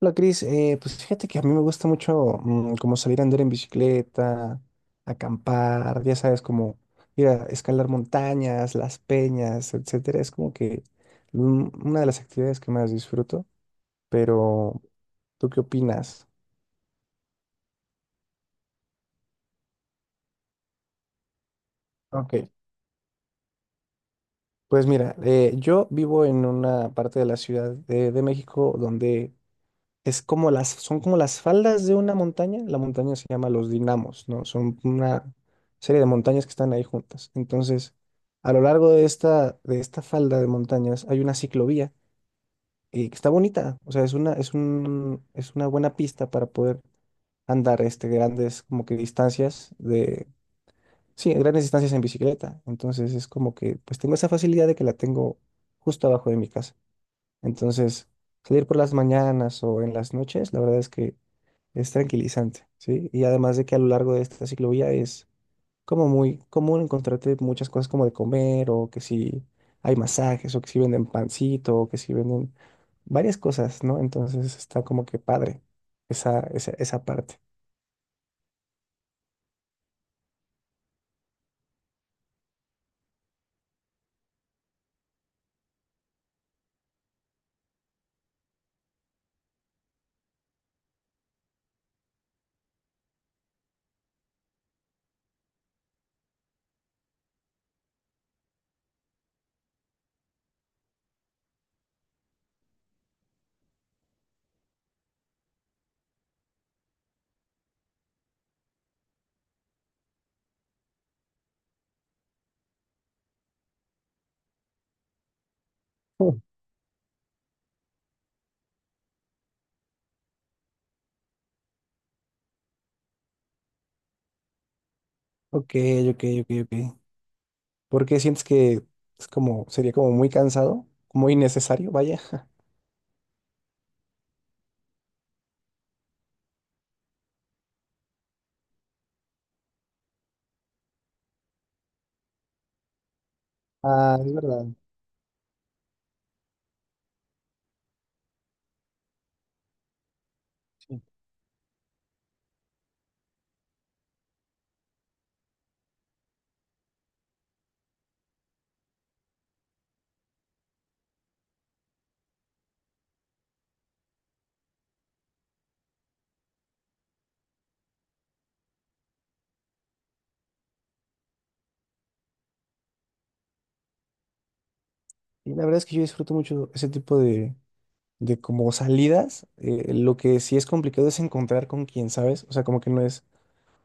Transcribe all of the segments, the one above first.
Hola Cris, pues fíjate que a mí me gusta mucho como salir a andar en bicicleta, acampar, ya sabes, como ir a escalar montañas, las peñas, etcétera. Es como que una de las actividades que más disfruto, pero ¿tú qué opinas? Ok, pues mira, yo vivo en una parte de la Ciudad de México donde es como son como las faldas de una montaña. La montaña se llama los dinamos, ¿no? Son una serie de montañas que están ahí juntas. Entonces, a lo largo de esta falda de montañas hay una ciclovía que está bonita. O sea, es una, es un, es una buena pista para poder andar este, grandes como que distancias de, sí, grandes distancias en bicicleta. Entonces es como que pues tengo esa facilidad de que la tengo justo abajo de mi casa. Entonces, salir por las mañanas o en las noches, la verdad es que es tranquilizante, ¿sí? Y además de que a lo largo de esta ciclovía es como muy común encontrarte muchas cosas como de comer o que si hay masajes o que si venden pancito o que si venden varias cosas, ¿no? Entonces está como que padre esa, esa, esa parte. Mm. Ok, ok, ok, ok. ¿Por qué sientes que es como, sería como muy cansado, muy innecesario, vaya? Ah, es verdad. Sí. Y la verdad es que yo disfruto mucho ese tipo de como salidas, lo que sí es complicado es encontrar con quien, ¿sabes? O sea, como que no es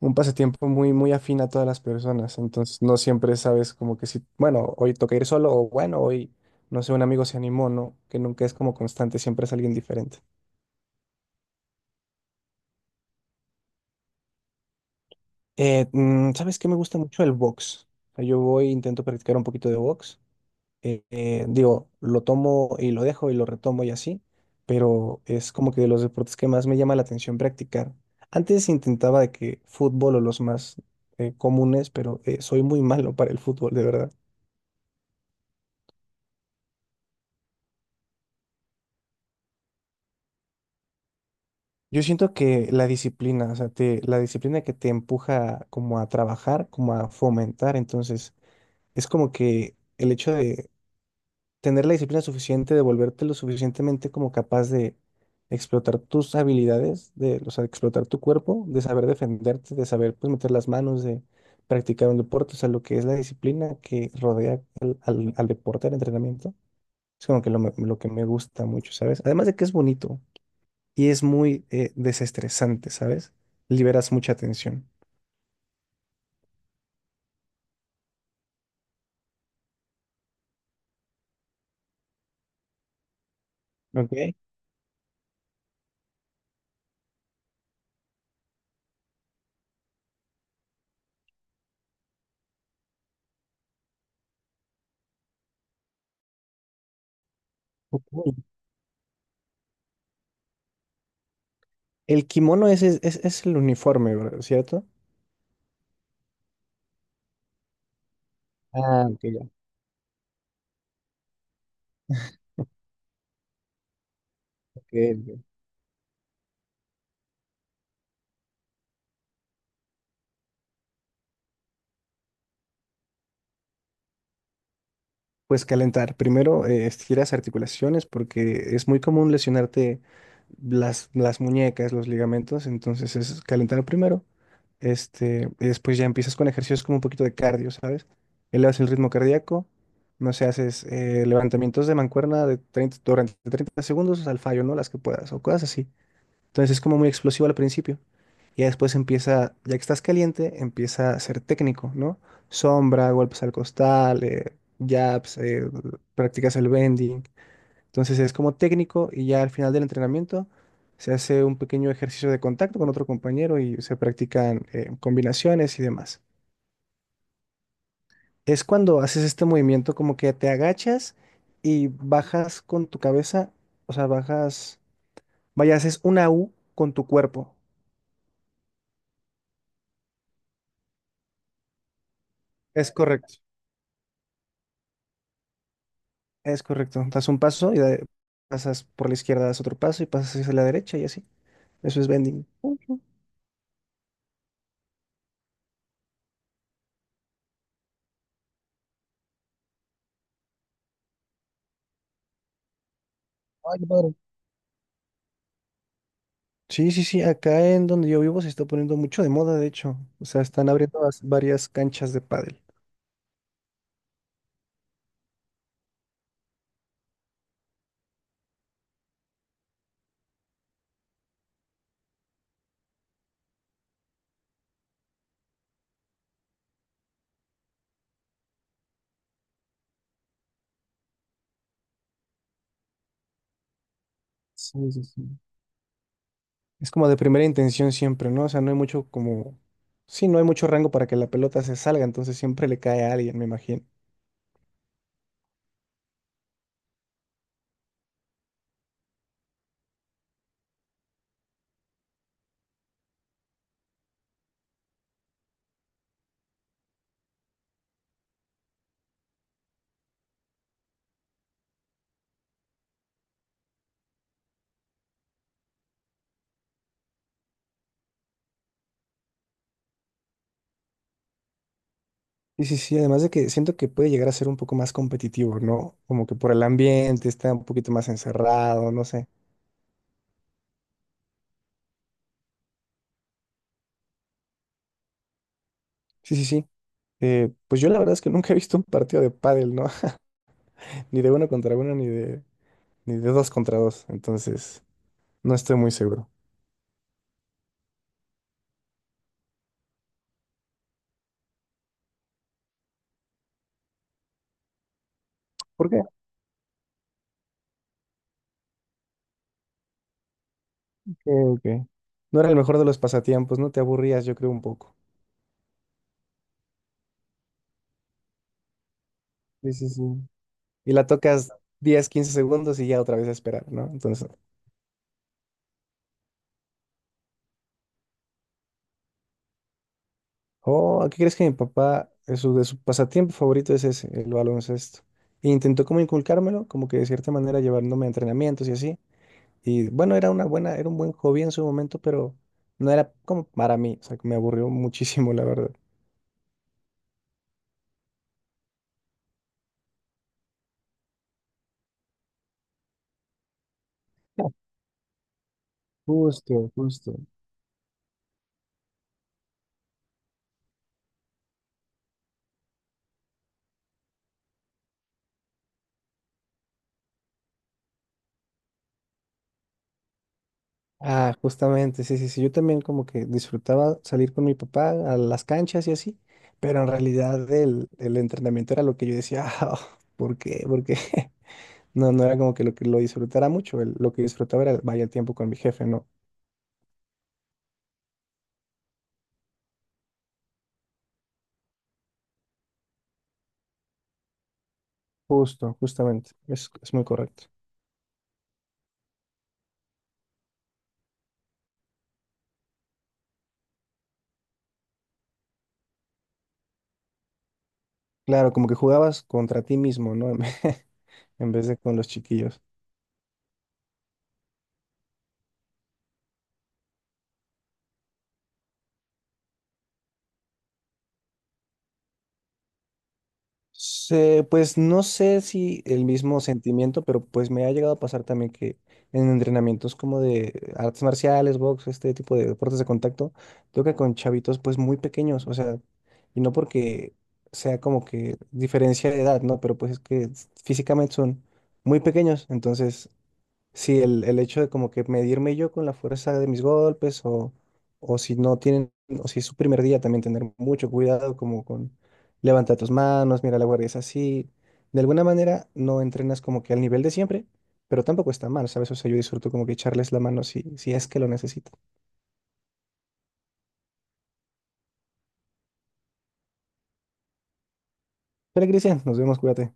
un pasatiempo muy, muy afín a todas las personas, entonces no siempre sabes como que si, bueno, hoy toca ir solo o bueno, hoy, no sé, un amigo se animó, ¿no? Que nunca es como constante, siempre es alguien diferente. ¿Sabes qué me gusta mucho? El box. O sea, yo voy, intento practicar un poquito de box. Digo, lo tomo y lo dejo y lo retomo y así, pero es como que de los deportes que más me llama la atención practicar. Antes intentaba de que fútbol o los más comunes, pero soy muy malo para el fútbol, de verdad. Yo siento que la disciplina, o sea, la disciplina que te empuja como a trabajar, como a fomentar, entonces es como que el hecho de tener la disciplina suficiente de volverte lo suficientemente como capaz de explotar tus habilidades, de, o sea, de explotar tu cuerpo, de saber defenderte, de saber pues meter las manos, de practicar un deporte, o sea, lo que es la disciplina que rodea al, al deporte, al entrenamiento, es como que lo, lo que me gusta mucho, ¿sabes? Además de que es bonito y es muy desestresante, ¿sabes? Liberas mucha tensión. Ok. Ok. El kimono es, es el uniforme, ¿verdad? ¿Cierto? Ah, ok, ya. Ok. Pues calentar. Primero, estiras articulaciones porque es muy común lesionarte las muñecas, los ligamentos, entonces es calentar primero. Este, y después ya empiezas con ejercicios como un poquito de cardio, ¿sabes? Elevas el ritmo cardíaco, no sé, haces levantamientos de mancuerna de 30 durante 30 segundos al fallo, ¿no? Las que puedas o cosas así. Entonces es como muy explosivo al principio. Y ya después empieza, ya que estás caliente, empieza a ser técnico, ¿no? Sombra, golpes al costal, jabs, practicas el bending. Entonces es como técnico y ya al final del entrenamiento se hace un pequeño ejercicio de contacto con otro compañero y se practican combinaciones y demás. Es cuando haces este movimiento como que te agachas y bajas con tu cabeza, o sea, bajas, vaya, haces una U con tu cuerpo. Es correcto. Es correcto. Das un paso y pasas por la izquierda, das otro paso y pasas hacia la derecha y así. Eso es bending. Ujú. Ay, qué padre. Sí, sí, sí. Acá en donde yo vivo se está poniendo mucho de moda, de hecho. O sea, están abriendo varias canchas de pádel. Sí, sí, sí. Es como de primera intención siempre, ¿no? O sea, no hay mucho como... Sí, no hay mucho rango para que la pelota se salga, entonces siempre le cae a alguien, me imagino. Sí, sí, sí, además de que siento que puede llegar a ser un poco más competitivo, ¿no? Como que por el ambiente está un poquito más encerrado, no sé. Sí, sí, sí. Pues yo la verdad es que nunca he visto un partido de pádel, ¿no? Ni de uno contra uno, ni de, ni de dos contra dos. Entonces, no estoy muy seguro. ¿Por qué? Ok, ok. No era el mejor de los pasatiempos, ¿no? Te aburrías, yo creo, un poco. Sí, sí, sí. Y la tocas 10, 15 segundos y ya otra vez a esperar, ¿no? Entonces, oh, ¿qué crees que mi papá, de su pasatiempo favorito es ese, el baloncesto? E intentó como inculcármelo, como que de cierta manera llevándome a entrenamientos y así, y bueno, era una buena, era un buen hobby en su momento, pero no era como para mí, o sea, que me aburrió muchísimo, la verdad. Justo, justo. Ah, justamente, sí, sí, sí. Yo también como que disfrutaba salir con mi papá a las canchas y así, pero en realidad el entrenamiento era lo que yo decía, ah, ¿por qué? ¿Por qué? No, no era como que lo disfrutara mucho, lo que disfrutaba era vaya el tiempo con mi jefe, ¿no? Justo, justamente, es muy correcto. Claro, como que jugabas contra ti mismo, ¿no? En vez de con los chiquillos. Pues no sé si el mismo sentimiento, pero pues me ha llegado a pasar también que en entrenamientos como de artes marciales, box, este tipo de deportes de contacto, toca con chavitos pues muy pequeños, o sea, y no porque sea como que diferencia de edad, ¿no? Pero pues es que físicamente son muy pequeños, entonces sí, el hecho de como que medirme yo con la fuerza de mis golpes o si no tienen, o si es su primer día también tener mucho cuidado como con levanta tus manos, mira la guardia es así. De alguna manera no entrenas como que al nivel de siempre, pero tampoco está mal, ¿sabes? O sea, yo disfruto como que echarles la mano si, si es que lo necesito. Pero Cristian, nos vemos, cuídate.